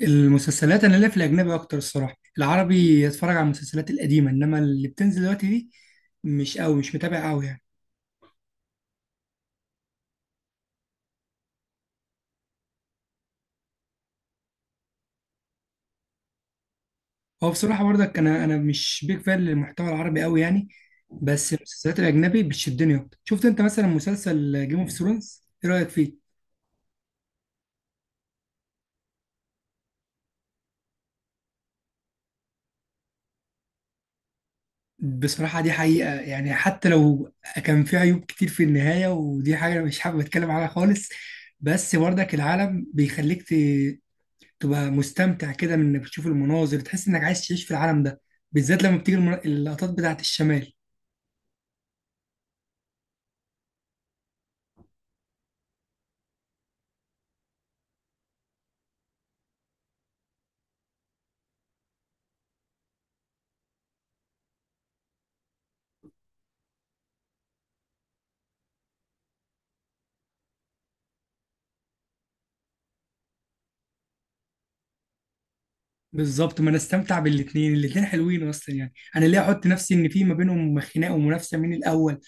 المسلسلات انا ليا في الاجنبي اكتر، الصراحه العربي اتفرج على المسلسلات القديمه، انما اللي بتنزل دلوقتي دي مش قوي، مش متابع قوي يعني. هو بصراحه برضك انا مش بيك فان للمحتوى العربي قوي يعني. بس المسلسلات الاجنبي بتشدني اكتر. شفت انت مثلا مسلسل جيم اوف ثرونز؟ ايه رايك فيه؟ بصراحه دي حقيقه يعني، حتى لو كان فيه عيوب كتير في النهايه، ودي حاجه انا مش حابب اتكلم عنها خالص. بس برضك العالم بيخليك تبقى مستمتع كده، من انك بتشوف المناظر تحس انك عايز تعيش في العالم ده، بالذات لما بتيجي اللقطات بتاعت الشمال. بالظبط، ما انا استمتع بالاتنين، الاتنين حلوين اصلا يعني. انا ليه احط نفسي ان في ما بينهم خناقه ومنافسه مين الاول؟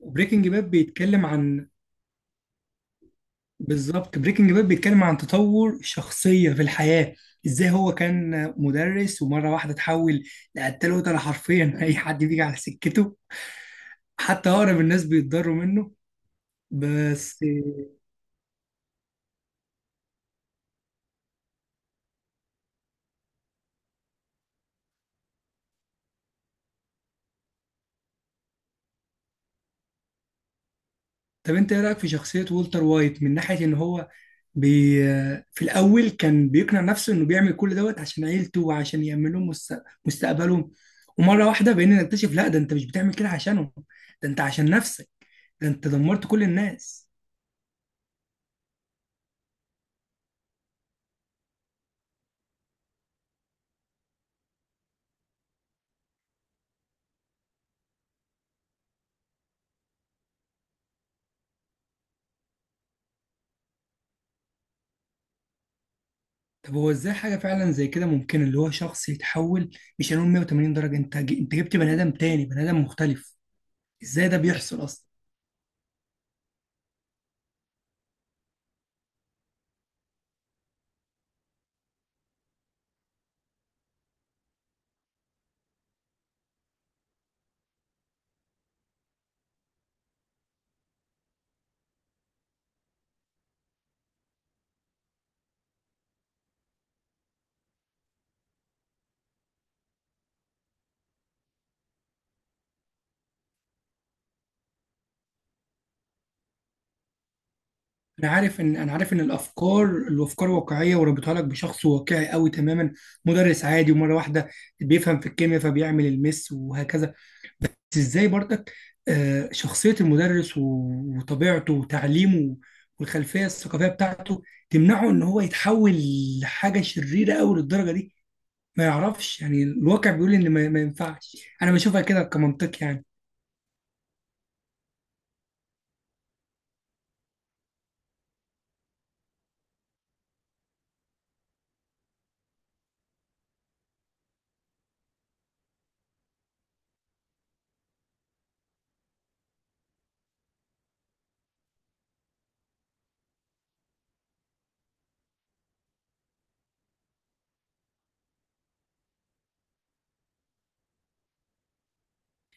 وبريكنج باد بيتكلم عن... بالظبط، بريكنج باد بيتكلم عن تطور شخصيه في الحياه. ازاي هو كان مدرس ومره واحده اتحول لقتال، قتله حرفيا اي حد بيجي على سكته. حتى اقرب الناس بيتضروا منه. بس. طب انت ايه رايك في شخصيه والتر وايت؟ من ناحيه ان هو... بي في الاول كان بيقنع نفسه انه بيعمل كل دوت عشان عيلته، وعشان يامن لهم مستقبلهم. ومره واحده بقينا نكتشف، لا ده انت مش بتعمل كده عشانهم، ده انت عشان نفسك، ده انت دمرت كل الناس. طب هو ازاي حاجه فعلا زي كده ممكن، اللي هو شخص يتحول، مش هنقول 180 درجه، انت انت جبت بني ادم تاني، بني ادم مختلف. ازاي ده بيحصل اصلا؟ انا عارف، ان انا عارف ان الافكار واقعيه، وربطها لك بشخص واقعي قوي تماما. مدرس عادي، ومره واحده بيفهم في الكيمياء فبيعمل المس وهكذا. بس ازاي برضك شخصيه المدرس وطبيعته وتعليمه والخلفيه الثقافيه بتاعته تمنعه ان هو يتحول لحاجه شريره قوي للدرجه دي. ما يعرفش يعني، الواقع بيقول ان ما ينفعش. انا بشوفها كده كمنطق يعني.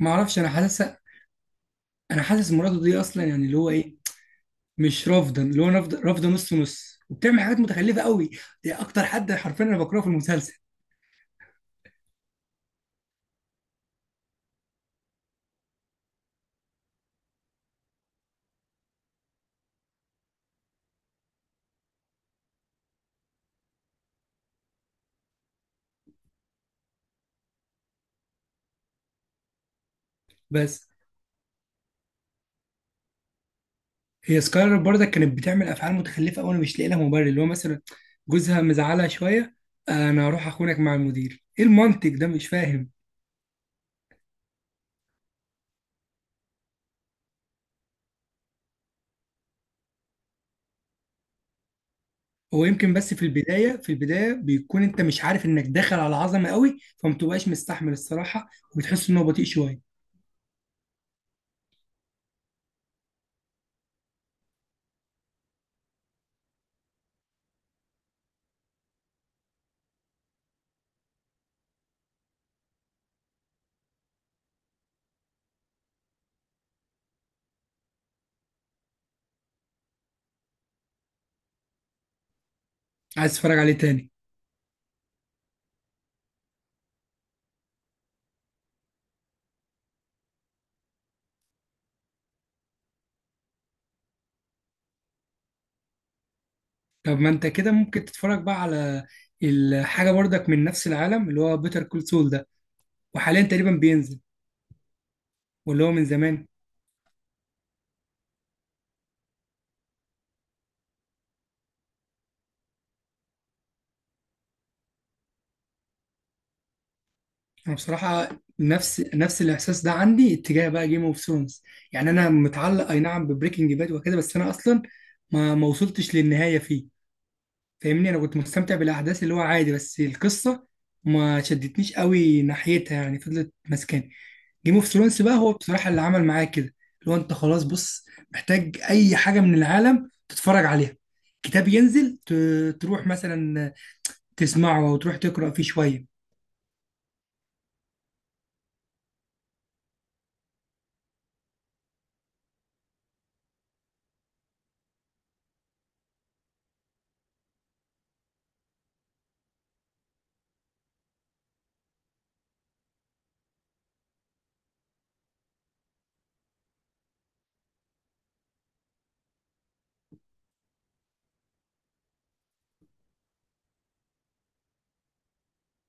ما اعرفش، انا حاسس... انا حاسس مراته دي اصلا يعني اللي هو ايه، مش رافضا، اللي هو رافضه، رافضه نص نص، وبتعمل حاجات متخلفه قوي. دي اكتر حد حرفيا انا بكرهه في المسلسل. بس هي سكايلر برضك كانت بتعمل افعال متخلفه قوي، انا مش لاقي لها مبرر، اللي هو مثلا جوزها مزعلها شويه، انا هروح اخونك مع المدير؟ ايه المنطق ده، مش فاهم. هو يمكن بس في البدايه، في البدايه بيكون انت مش عارف انك داخل على عظمه قوي، فمتبقاش مستحمل الصراحه، وبتحس ان هو بطيء شويه. عايز تتفرج عليه تاني؟ طب ما انت كده ممكن تتفرج بقى على الحاجه برضك من نفس العالم، اللي هو بيتر كول سول، وحاليا تقريبا بينزل، واللي هو من زمان. انا بصراحه نفس الاحساس ده عندي اتجاه بقى جيم اوف ثرونز. يعني انا متعلق اي نعم ببريكنج باد وكده، بس انا اصلا ما وصلتش للنهايه فيه. فاهمني؟ انا كنت مستمتع بالاحداث اللي هو عادي، بس القصه ما شدتنيش قوي ناحيتها يعني، فضلت ماسكاني. جيم اوف ثرونز بقى هو بصراحه اللي عمل معايا كده، اللي هو انت خلاص بص محتاج اي حاجه من العالم تتفرج عليها. كتاب ينزل تروح مثلا تسمعه، او تروح تقرا فيه شويه.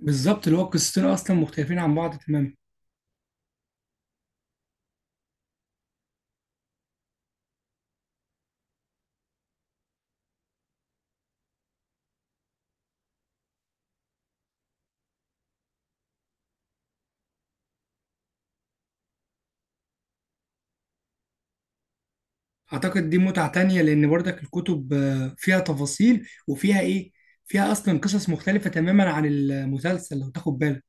بالظبط، اللي هو القصتين اصلا مختلفين عن بعض تماما. اعتقد دي متعة تانية، لان برضك الكتب فيها تفاصيل وفيها ايه، فيها اصلا قصص مختلفة تماما عن المسلسل لو تاخد بالك.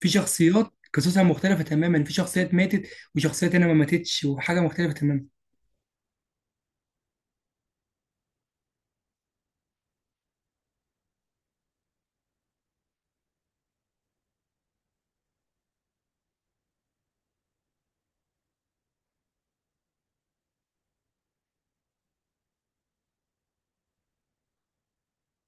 في شخصيات قصصها مختلفة تماما، في شخصيات ماتت، وشخصيات هنا ما ماتتش، وحاجة مختلفة تماما.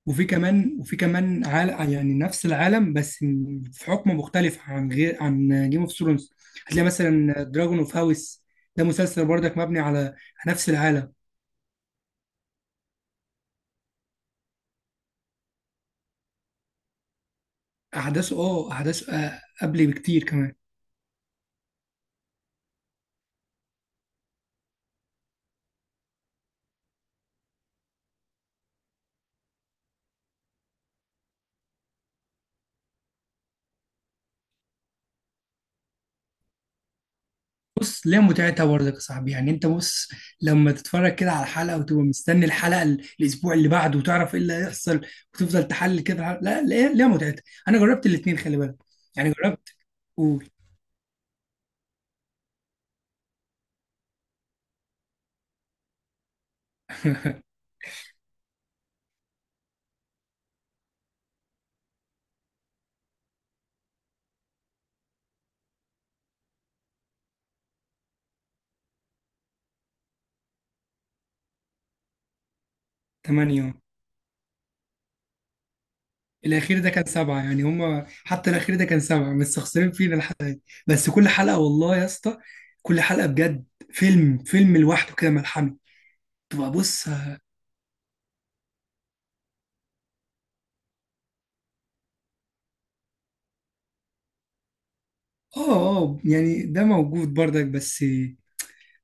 وفي كمان عال يعني، نفس العالم، بس في حكم مختلف، عن غير عن جيم اوف ثرونز. هتلاقي مثلا دراجون اوف هاوس، ده مسلسل برضك مبني على نفس العالم. احداثه، اه احداثه قبل بكتير كمان. بص، ليها متعتها برضك يا صاحبي، يعني انت بص، لما تتفرج كده على الحلقه وتبقى مستني الحلقه الاسبوع اللي بعده، وتعرف ايه اللي هيحصل، وتفضل تحلل كده الحلقة. لا، ليها متعتها. انا جربت الاثنين، خلي بالك، يعني جربت. قول. ثمانية، الاخير ده كان سبعة. يعني هما حتى الاخير ده كان سبعة، مستخسرين فينا لحد. بس كل حلقه والله يا اسطى، كل حلقه بجد فيلم، فيلم لوحده كده ملحمه. تبقى بص، اه. اه، يعني ده موجود برضك، بس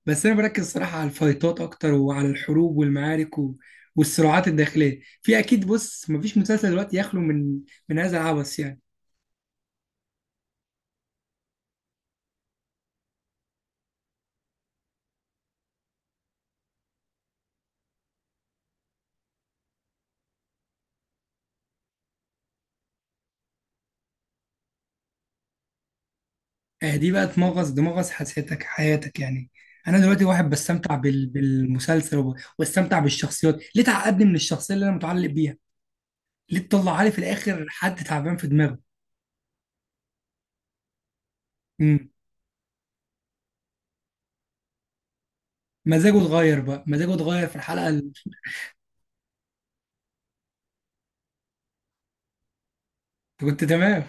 انا بركز صراحه على الفايتات اكتر، وعلى الحروب والمعارك والصراعات الداخليه. في اكيد، بص مفيش مسلسل دلوقتي يخلو من هذا العبث يعني. آه دي بقى تمغص دمغص حياتك، حياتك يعني. انا دلوقتي واحد بستمتع بالمسلسل، واستمتع بالشخصيات، ليه تعقدني من الشخصيه اللي انا متعلق بيها؟ ليه تطلع لي في الاخر حد تعبان في دماغه؟ امم مزاجه اتغير بقى، مزاجه اتغير في الحلقه اللي... كنت تمام.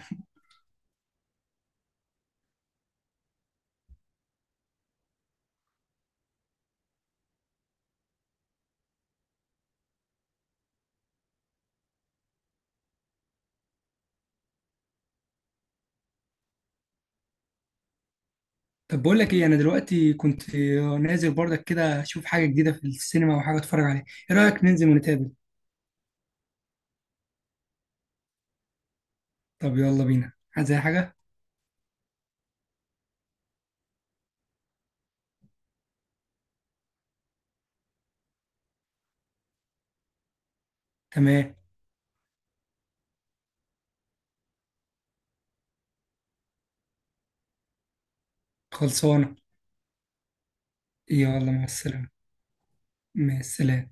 طب بقول لك ايه، انا دلوقتي كنت نازل برضك كده اشوف حاجه جديده في السينما وحاجه اتفرج عليها. ايه رايك ننزل ونتقابل؟ طب يلا بينا. عايز اي حاجه؟ تمام، خلصانه. يلا مع السلامه. مع السلامه.